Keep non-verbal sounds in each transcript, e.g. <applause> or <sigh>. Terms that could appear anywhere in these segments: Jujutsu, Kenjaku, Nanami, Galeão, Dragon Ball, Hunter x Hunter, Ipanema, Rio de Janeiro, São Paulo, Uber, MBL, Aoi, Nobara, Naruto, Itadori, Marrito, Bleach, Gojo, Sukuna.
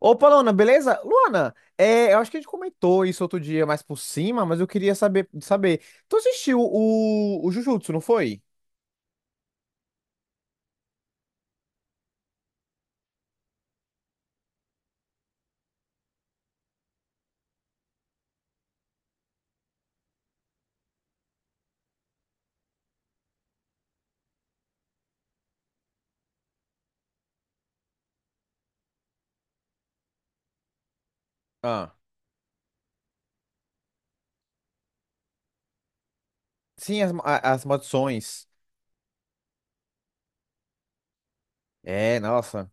Opa, Luana, beleza? Luana, eu acho que a gente comentou isso outro dia mais por cima, mas eu queria saber. Tu assistiu o Jujutsu, não foi? Ah, sim, as maldições. É, nossa.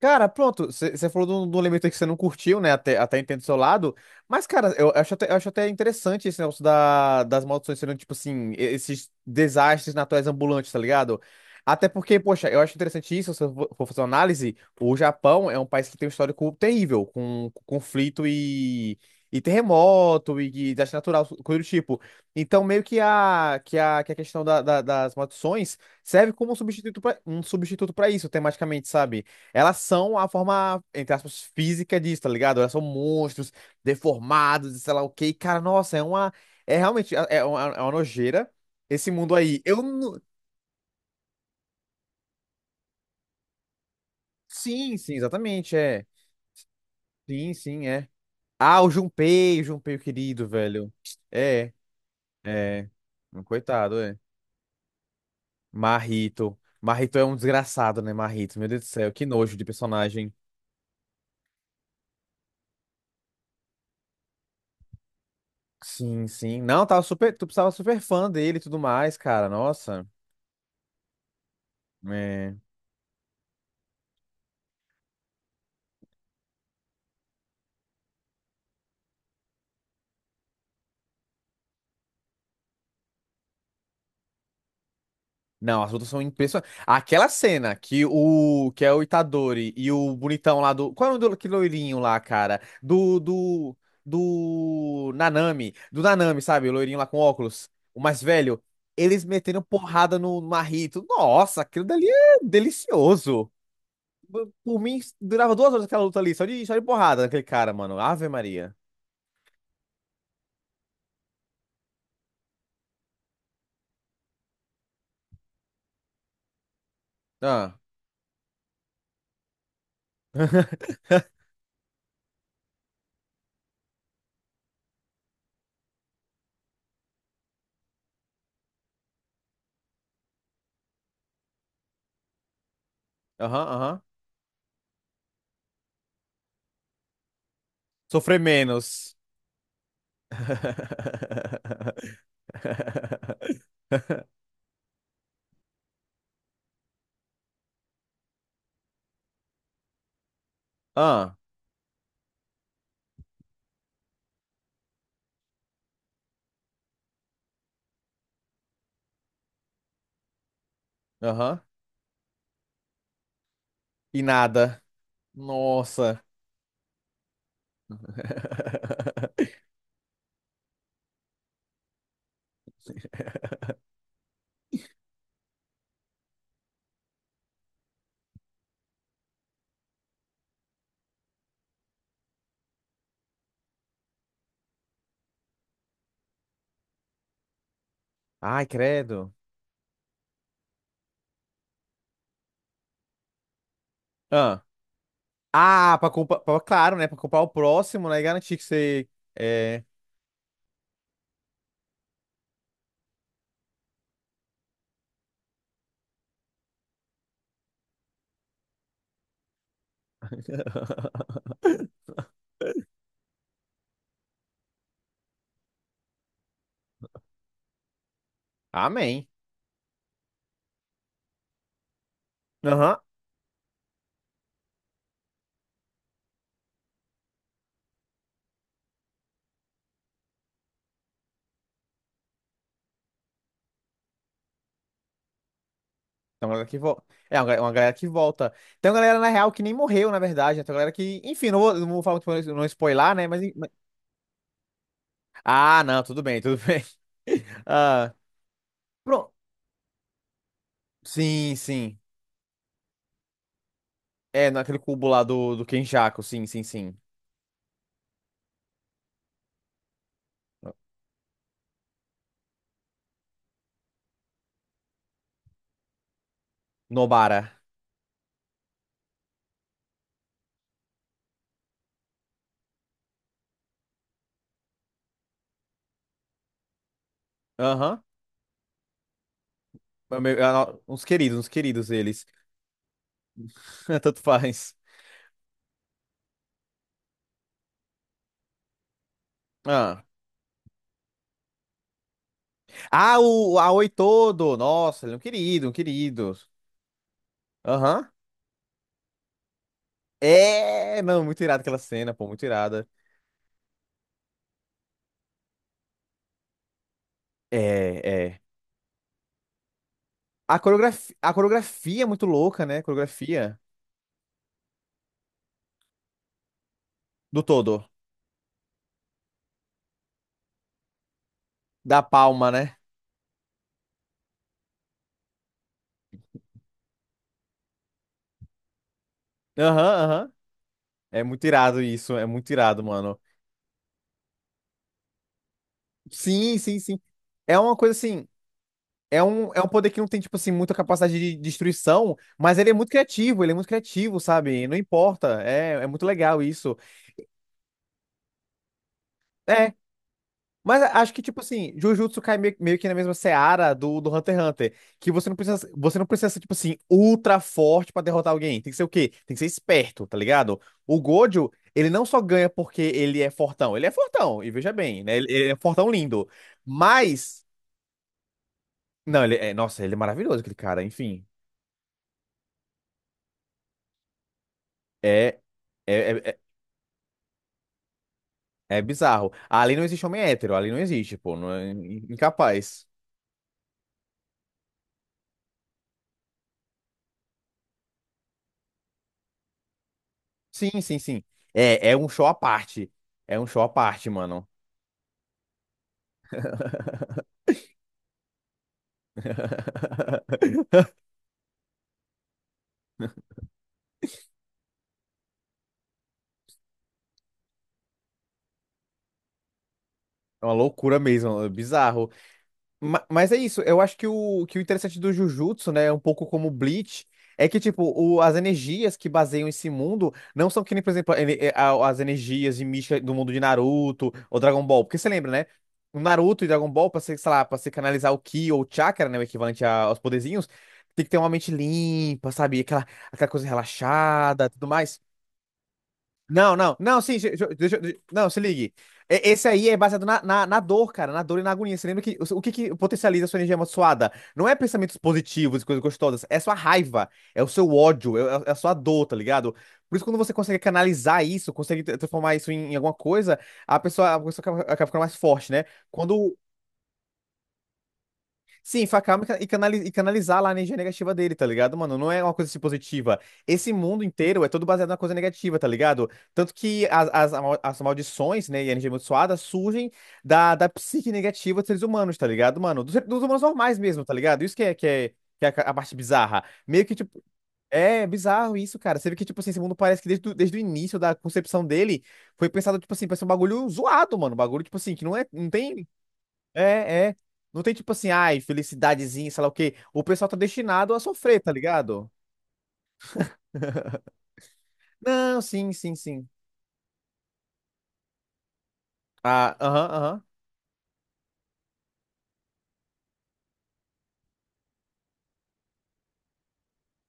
Cara, pronto, você falou de um elemento aí que você não curtiu, né? Até entendo do seu lado. Mas, cara, eu acho até interessante esse negócio das maldições sendo, tipo assim, esses desastres naturais ambulantes, tá ligado? Até porque, poxa, eu acho interessante isso, se eu for fazer uma análise, o Japão é um país que tem um histórico terrível, com conflito e terremoto e desastre natural, coisa do tipo. Então, meio que a questão das maldições serve como um substituto para isso, tematicamente, sabe? Elas são a forma, entre aspas, física disso, tá ligado? Elas são monstros, deformados, e sei lá o quê. E, cara, nossa, é uma. É realmente. É uma, é uma nojeira esse mundo aí. Sim, sim, exatamente, é. Sim, sim, é. Ah, o Junpei querido, velho. É, é. Coitado, é. Marrito. Marrito é um desgraçado, né, Marrito? Meu Deus do céu, que nojo de personagem. Sim, sim. Não, tava super. Tu precisava super fã dele e tudo mais, cara. Nossa. É. Não, as lutas são impressionantes. Aquela cena que o que é o Itadori e o bonitão lá do. Qual é o nome do que loirinho lá, cara? Do, do. Do. Nanami. Do Nanami, sabe? O loirinho lá com óculos. O mais velho. Eles metendo porrada no Marrito. Nossa, aquilo dali é delicioso. Por mim, durava 2 horas aquela luta ali, só de porrada naquele cara, mano. Ave Maria. Ah, aham, aham. Sofrer menos. <laughs> Ah, aham. E nada. Nossa. <laughs> Ai, credo. Ah, claro, né? Pra culpar o próximo, né? E garantir que você. É. <laughs> Amém. Aham. Tem uma galera que volta. É, uma galera que volta. Tem uma galera, na real, que nem morreu, na verdade. Né? Tem uma galera que. Enfim, não vou falar muito pra não spoilar, né? Mas, ah, não, tudo bem, tudo bem. <laughs> Ah, pronto. Sim, sim. É, naquele cubo lá do Kenjaku, sim, sim, sim. Nobara. Aham. Uns queridos eles. <laughs> Tanto faz. Ah, ah o Aoi todo. Nossa, ele é um querido, um querido. Aham. É, não, muito irada aquela cena, pô, muito irada. É, é. A coreografia é muito louca, né? A coreografia do todo. Da palma, né? Aham, aham. É muito irado isso, é muito irado, mano. Sim, sim, sim. É uma coisa assim, é um poder que não tem, tipo assim, muita capacidade de destruição, mas ele é muito criativo, ele é muito criativo, sabe? Não importa, é muito legal isso. É, mas acho que, tipo assim, Jujutsu cai meio que na mesma seara do Hunter x Hunter, que você não precisa ser, tipo assim, ultra forte pra derrotar alguém. Tem que ser o quê? Tem que ser esperto, tá ligado? O Gojo, ele não só ganha porque ele é fortão, e veja bem, né? Ele é fortão lindo. Mas não, ele é. Nossa, ele é maravilhoso, aquele cara. Enfim. É. É, é, é é bizarro. Ali não existe homem hétero, ali não existe, pô. Não é incapaz. Sim, sim, sim. É, é um show à parte. É um show à parte, mano. <laughs> É uma loucura mesmo, é bizarro. Mas é isso, eu acho que o interessante do Jujutsu, né, é um pouco como o Bleach, é que, tipo, as energias que baseiam esse mundo não são que nem, por exemplo, as energias de mística do mundo de Naruto ou Dragon Ball, porque você lembra, né? O Naruto e Dragon Ball, pra você canalizar o Ki ou o Chakra, né, o equivalente aos poderzinhos, tem que ter uma mente limpa, sabe? Aquela, aquela coisa relaxada, tudo mais. Não, não, não, sim, não, se ligue. Esse aí é baseado na dor, cara, na dor e na agonia. Você lembra que que potencializa a sua energia amaldiçoada? Não é pensamentos positivos e coisas gostosas, é sua raiva, é o seu ódio, é a sua dor, tá ligado? Por isso, quando você consegue canalizar isso, consegue transformar isso em, em alguma coisa, a pessoa acaba ficando mais forte, né? Quando sim, enfacar e cana- e canali- e canalizar lá a energia negativa dele, tá ligado, mano? Não é uma coisa assim, positiva. Esse mundo inteiro é todo baseado na coisa negativa, tá ligado? Tanto que as maldições, né, e a energia amaldiçoada surgem da psique negativa dos seres humanos, tá ligado, mano? Dos humanos normais mesmo, tá ligado? Isso que que é a parte bizarra. Meio que, tipo, é bizarro isso, cara. Você vê que, tipo assim, esse mundo parece que desde o início da concepção dele foi pensado, tipo assim, pra ser um bagulho zoado, mano. Um bagulho, tipo assim, que não é, não tem. É, é. Não tem tipo assim, ai, felicidadezinha, sei lá o quê. O pessoal tá destinado a sofrer, tá ligado? <laughs> Não, sim, sim, sim. Ah, aham, aham.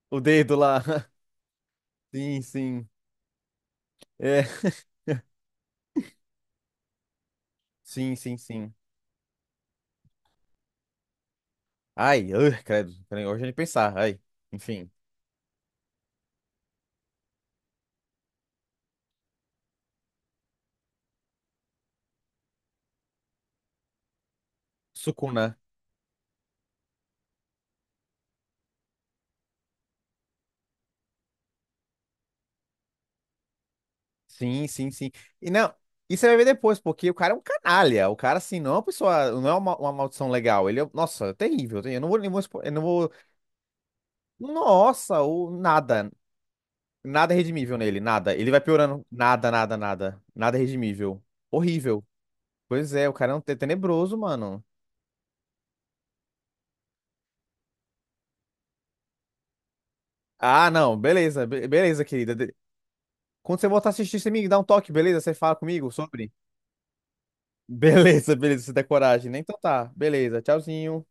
O dedo lá. <laughs> Sim, sim. É, sim, sim, sim. Ai, ugh, credo. Credo, hoje é de pensar. Ai, enfim. Sukuna. Sim, sim, sim. E não, isso você vai ver depois, porque o cara é um canalha. O cara, assim, não é uma pessoa, não é uma maldição legal. Ele é, nossa, terrível. Terrível. Eu não vou, nossa, o nada, nada é redimível nele, nada. Ele vai piorando. Nada, nada, nada. Nada é redimível. Horrível. Pois é, o cara é um tenebroso, mano. Ah, não, beleza, beleza, querida. De- quando você voltar a assistir, você me dá um toque, beleza? Você fala comigo sobre? <laughs> Beleza, beleza, você tem coragem, né? Então tá, beleza, tchauzinho.